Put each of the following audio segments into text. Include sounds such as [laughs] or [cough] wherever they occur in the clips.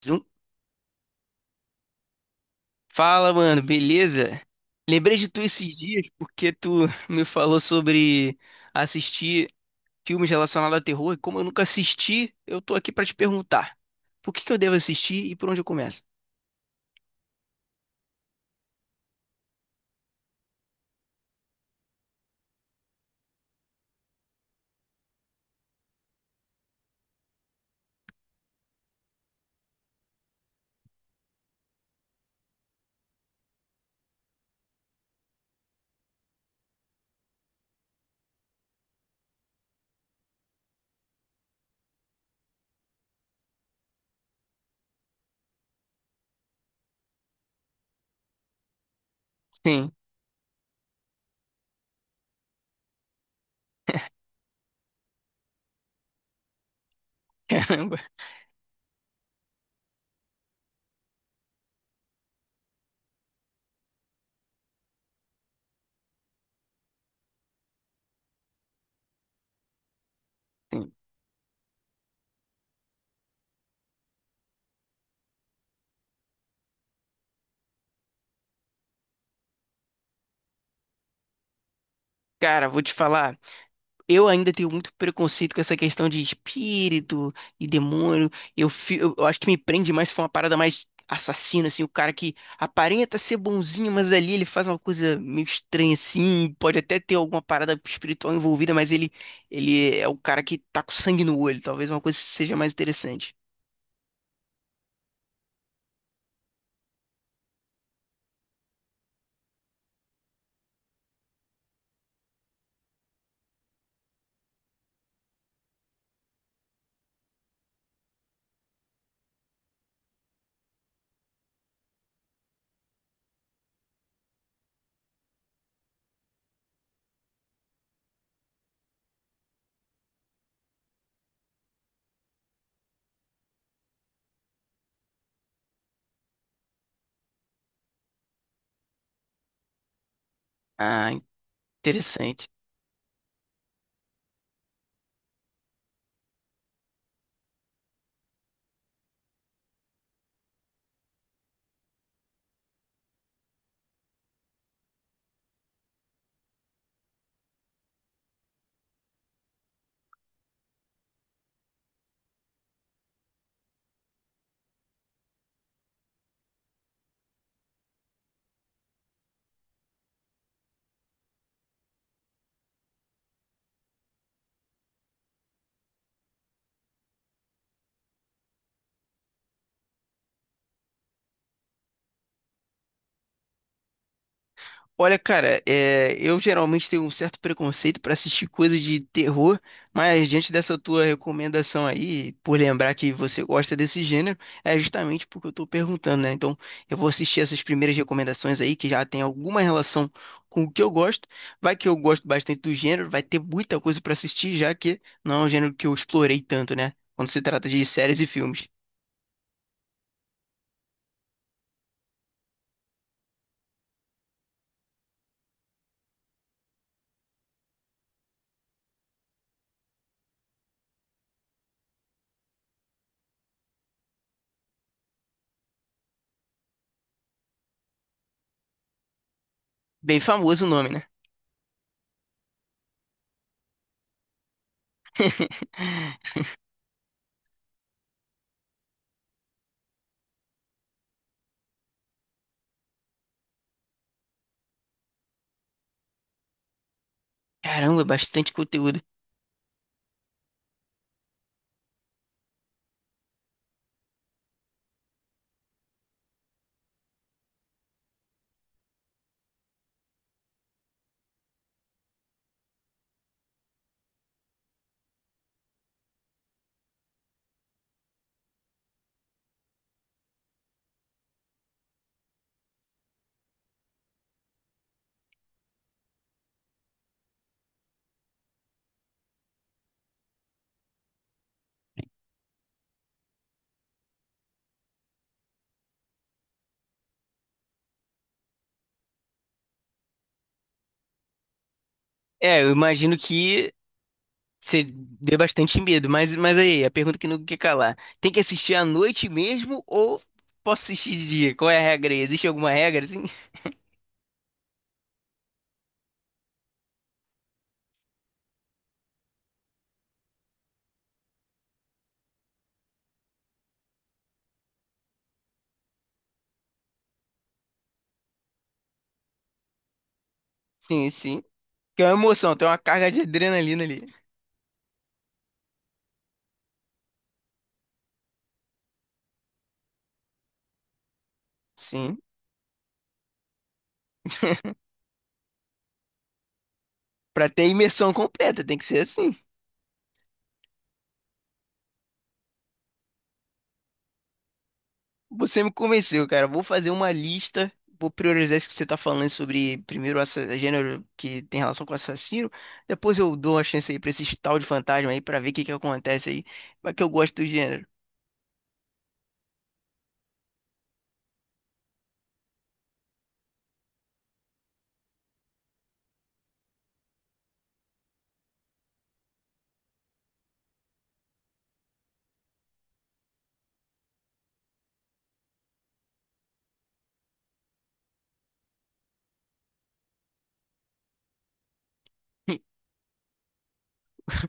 Zum- Fala, mano, beleza? Lembrei de tu esses dias porque tu [laughs] me falou sobre assistir filmes relacionados a terror e como eu nunca assisti, eu tô aqui pra te perguntar. Por que que eu devo assistir e por onde eu começo? Sim. [laughs] Caramba. Sim. Cara, vou te falar. Eu ainda tenho muito preconceito com essa questão de espírito e demônio. Eu acho que me prende mais se for uma parada mais assassina, assim, o cara que aparenta ser bonzinho, mas ali ele faz uma coisa meio estranha, assim, pode até ter alguma parada espiritual envolvida, mas ele é o cara que tá com sangue no olho. Talvez uma coisa seja mais interessante. Ah, interessante. Olha, cara, é, eu geralmente tenho um certo preconceito para assistir coisas de terror, mas diante dessa tua recomendação aí, por lembrar que você gosta desse gênero, é justamente porque eu tô perguntando, né? Então, eu vou assistir essas primeiras recomendações aí que já tem alguma relação com o que eu gosto. Vai que eu gosto bastante do gênero, vai ter muita coisa para assistir, já que não é um gênero que eu explorei tanto, né? Quando se trata de séries e filmes. Bem famoso o nome, né? [laughs] Caramba, bastante conteúdo. É, eu imagino que você deu bastante medo, mas aí, a pergunta que não quer calar. Tem que assistir à noite mesmo ou posso assistir de dia? Qual é a regra aí? Existe alguma regra, assim? [laughs] Sim, sim. Que é uma emoção, tem uma carga de adrenalina ali. Sim. Pra ter imersão completa, tem que ser assim. Você me convenceu, cara. Vou fazer uma lista, vou priorizar isso que você tá falando sobre primeiro o assa- gênero que tem relação com assassino. Depois eu dou uma chance aí pra esse tal de fantasma aí, pra ver o que que acontece aí. Mas que eu gosto do gênero.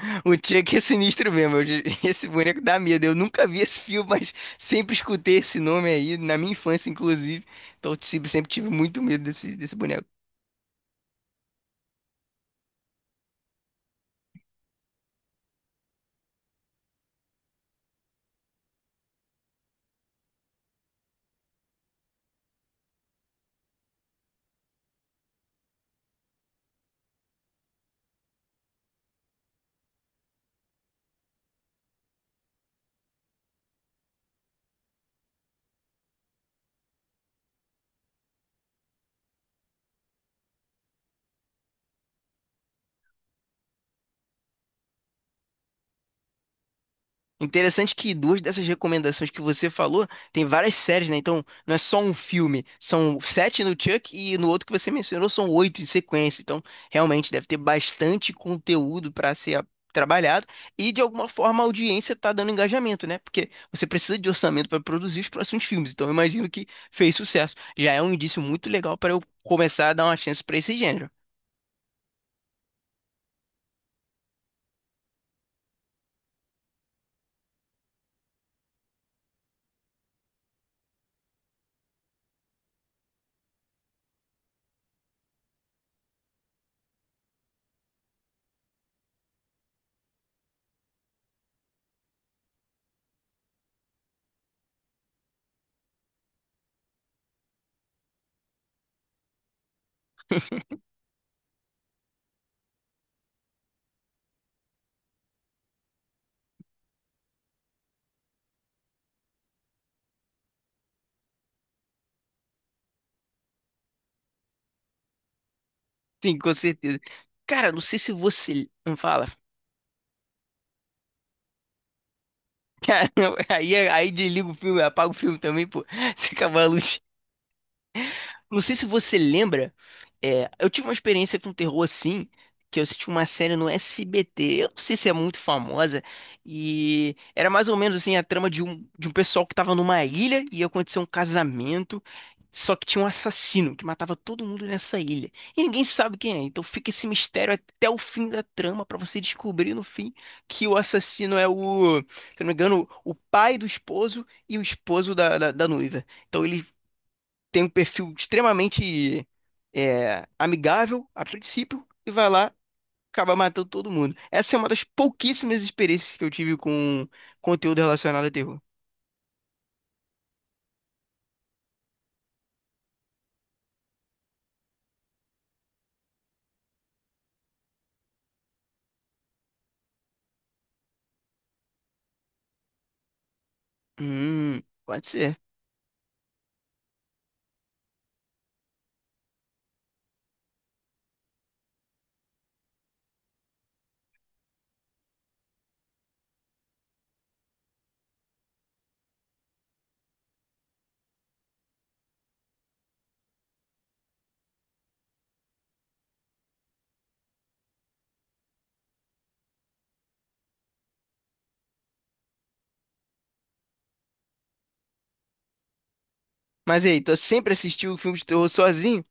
[laughs] O Chuck é sinistro mesmo. Eu- [laughs] esse boneco dá medo. Eu nunca vi esse filme, mas sempre escutei esse nome aí, na minha infância, inclusive. Então, eu sempre tive muito medo desse boneco. Interessante que duas dessas recomendações que você falou tem várias séries, né? Então, não é só um filme. São sete no Chuck e no outro que você mencionou são oito em sequência. Então, realmente deve ter bastante conteúdo para ser a- trabalhado e, de alguma forma, a audiência está dando engajamento, né? Porque você precisa de orçamento para produzir os próximos filmes. Então, eu imagino que fez sucesso. Já é um indício muito legal para eu começar a dar uma chance para esse gênero. Sim, com certeza. Cara, não sei se você. Fala. Cara, [laughs] aí, aí desliga o filme, apaga o filme também, pô. Se acabar a luz. Não sei se você lembra, é, eu tive uma experiência com terror assim, que eu assisti uma série no SBT, eu não sei se é muito famosa, e era mais ou menos assim a trama de um pessoal que tava numa ilha e ia acontecer um casamento, só que tinha um assassino que matava todo mundo nessa ilha. E ninguém sabe quem é, então fica esse mistério até o fim da trama pra você descobrir no fim que o assassino é o, se eu não me engano, o pai do esposo e o esposo da noiva. Então ele tem um perfil extremamente é, amigável a princípio e vai lá acaba matando todo mundo. Essa é uma das pouquíssimas experiências que eu tive com conteúdo relacionado a terror. Hum, pode ser. Mas e aí, tu sempre assistiu filmes de terror sozinho?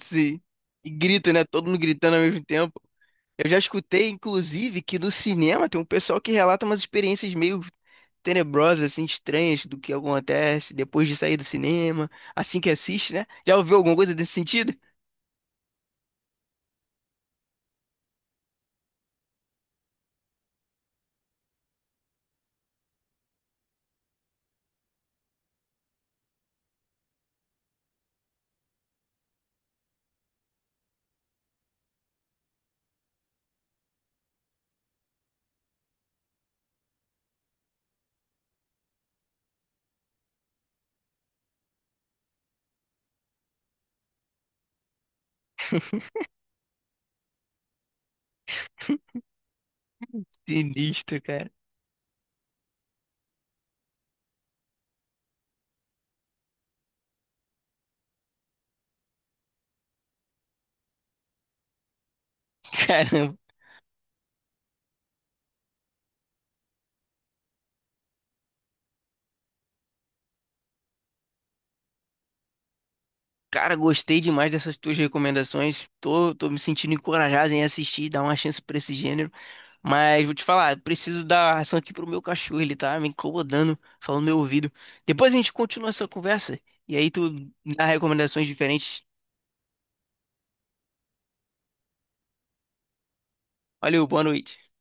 Sim. E grita, né? Todo mundo gritando ao mesmo tempo. Eu já escutei, inclusive, que no cinema tem um pessoal que relata umas experiências meio tenebrosas, assim, estranhas do que acontece depois de sair do cinema, assim que assiste, né? Já ouviu alguma coisa desse sentido? [laughs] Sinistro, cara. [laughs] Caramba. Cara, gostei demais dessas tuas recomendações. Tô, tô me sentindo encorajado em assistir, dar uma chance pra esse gênero. Mas vou te falar, preciso dar ração aqui pro meu cachorro. Ele tá me incomodando, falando no meu ouvido. Depois a gente continua essa conversa. E aí tu dá recomendações diferentes. Valeu, boa noite.